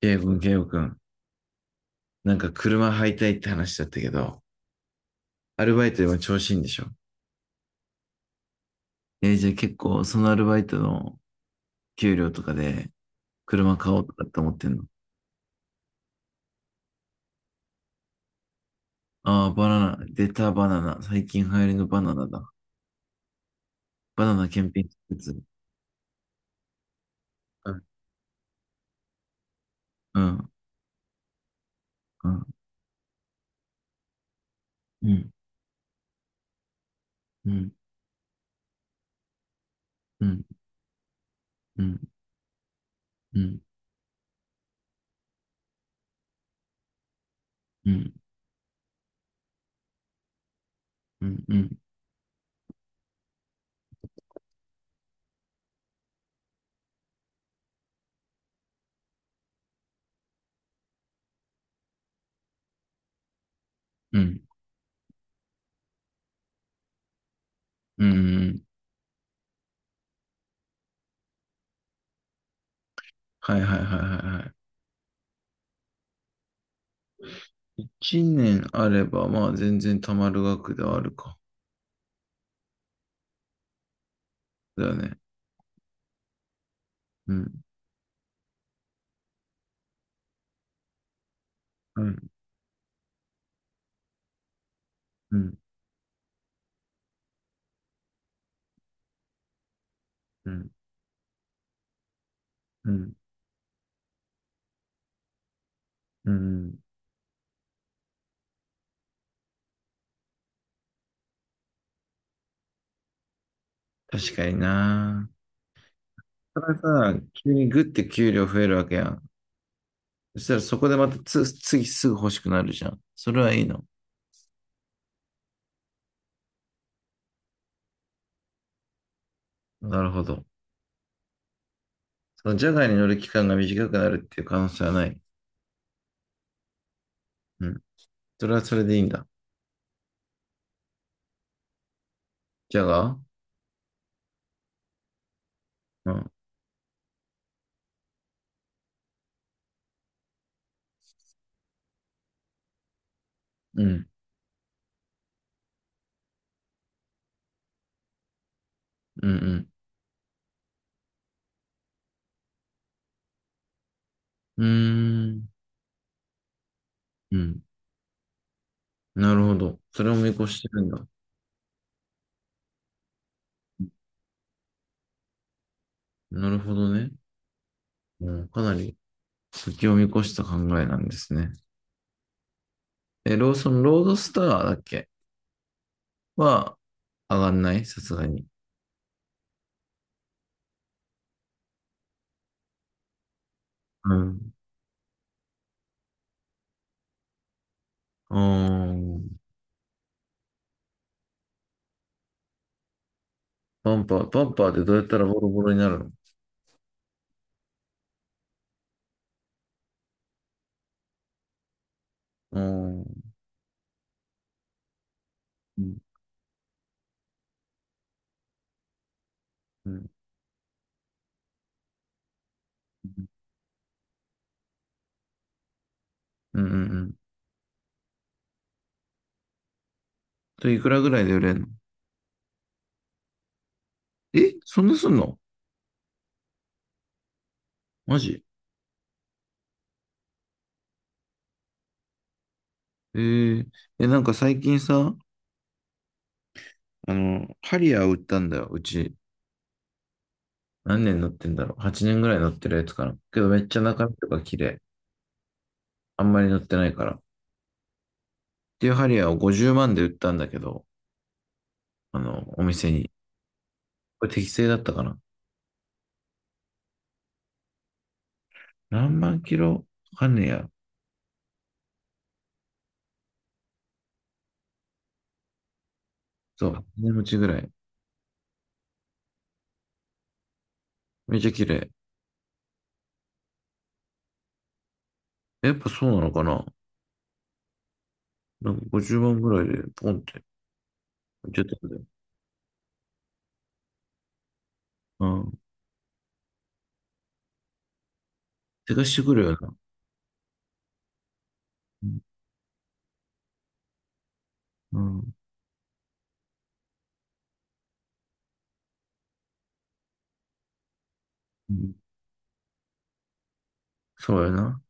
ケイブ君、ケイゴくん、なんか車買いたいって話だったけど、アルバイトでも調子いいんでしょ？じゃあ結構そのアルバイトの給料とかで車買おうとかって思ってんの？ああー、バナナ、出たバナナ。最近流行りのバナナだ。バナナ検品施設。うん、うん、うん、うん、うん、うん、うん、うん、うん、うん、うん、うん、うん。はいはいはいはいはい。一年あれば、まあ全然貯まる額ではあるか。だよね。うん、うん、うん、うん、うん。うん。確かにな。たださ、急にグッて給料増えるわけやん。そしたらそこでまた次すぐ欲しくなるじゃん。それはいいの？なるほど。そのジャガーに乗る期間が短くなるっていう可能性はない？うん。それはそれでいいんだ。ジャガー。うん。うん。うん。うん。うーん。うん。なるほど。それを見越してるんだ。なるほどね。うん。かなり先を見越した考えなんですね。え、ロードスターだっけ？は上がんないさすがに。うん。うん。バンパー、バンパーでどうやったらボロボロになるの？うん。うん。うん。うん。うん。と、いくらぐらいで売れんの？え、そんなすんの？マジ？えー、え、なんか最近さ、あの、ハリアー売ったんだよ、うち。何年乗ってんだろう？ 8 年ぐらい乗ってるやつかな。けどめっちゃ中身とか綺麗。あんまり乗ってないから。っていうハリアーを50万で売ったんだけど、あの、お店に。これ適正だったかな？何万キロ、わかんねえや。そう、8年持ちぐらい。めっちゃ綺麗。やっぱそうなのかな？なんか50万ぐらいでポンって売ってたんだよ。うん。手貸してくるよな。うん。うん。うん。そうよな。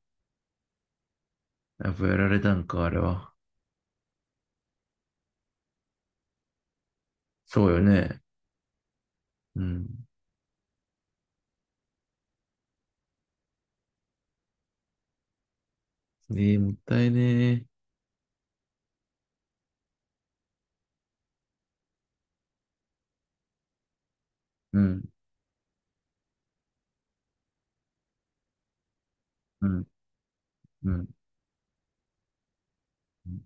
やっぱやられたんか、あれは。そうよね。うん。ええ、もったいねえ。うん。うん。うん。うん。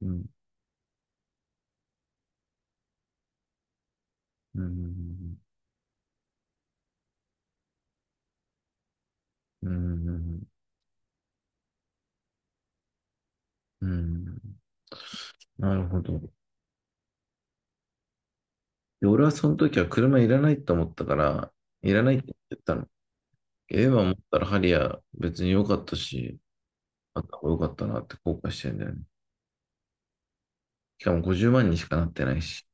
うん。うん。うん。なるほど。で、俺はその時は車いらないと思ったから、いらないって言ったの。ええわ、思ったらハリアー別に良かったし、あった方が良かったなって後悔してるんだよね。しかも50万にしかなってないし。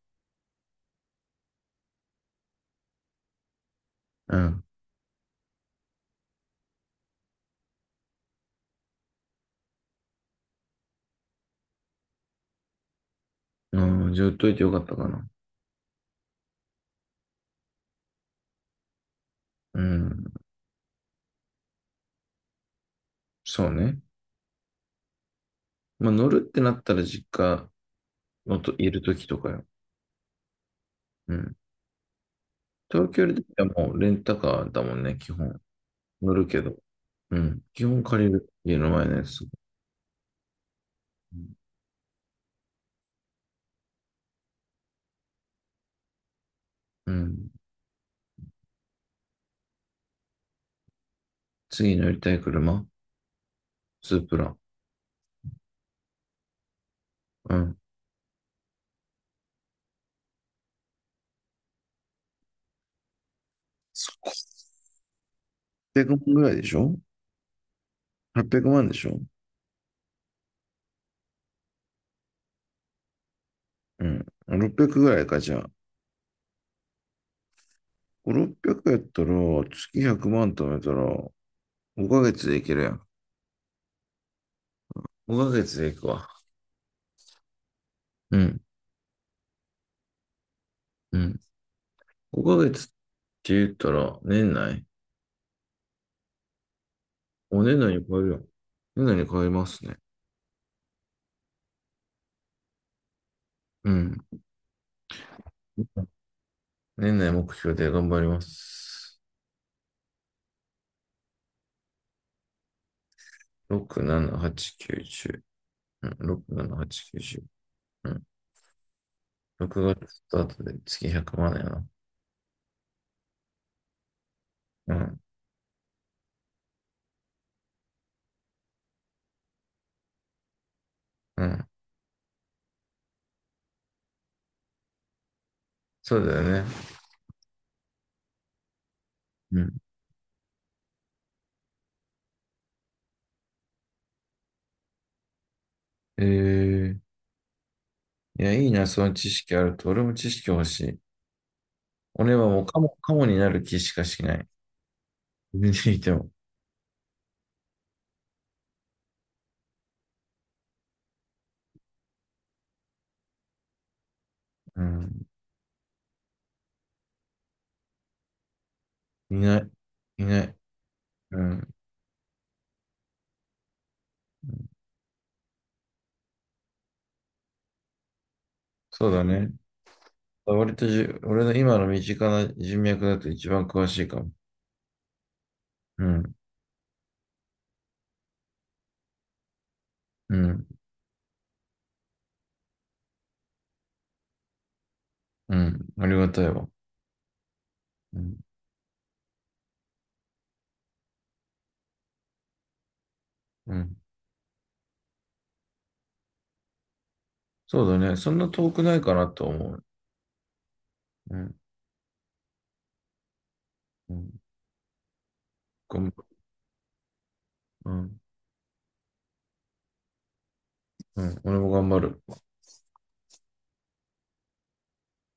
うん。うん、じゃあ売っといてよかったかな。うん。そうね。まあ、乗るってなったら実家のといる時とかよ。うん。東京ではもうレンタカーだもんね、基本。乗るけど。うん。基本借りる。家の前のやつ。うん。次乗りたい車、スープラ。うん。800万ぐらいでしょ？ 800 万でしょ？うん。600ぐらいか、じゃあ。5、600やったら、月100万貯めたら、5ヶ月でいけるやん。5ヶ月で行くわ。うん。うん。5ヶ月って言ったら、年内に超えるやん。年内に超えますね。うん。年内目標で頑張ります。6、7、8、9、10。うん、6、7、8、9、10。うん。6月スタートで月100万やな。うん、うん。そうだよね。うん。ええ、いや、いいな、その知識あると。俺も知識欲しい。俺はもうカモ、カモになる気しかしない。見ていても。うん。いない。いない。うん。そうだね。割と俺の今の身近な人脈だと一番詳しいかも。うん。うん。うん。ありがたいわ。うん。うん。そうだね。そんな遠くないかなと思う。うん。うん。頑張、うん。うん。俺も頑張る。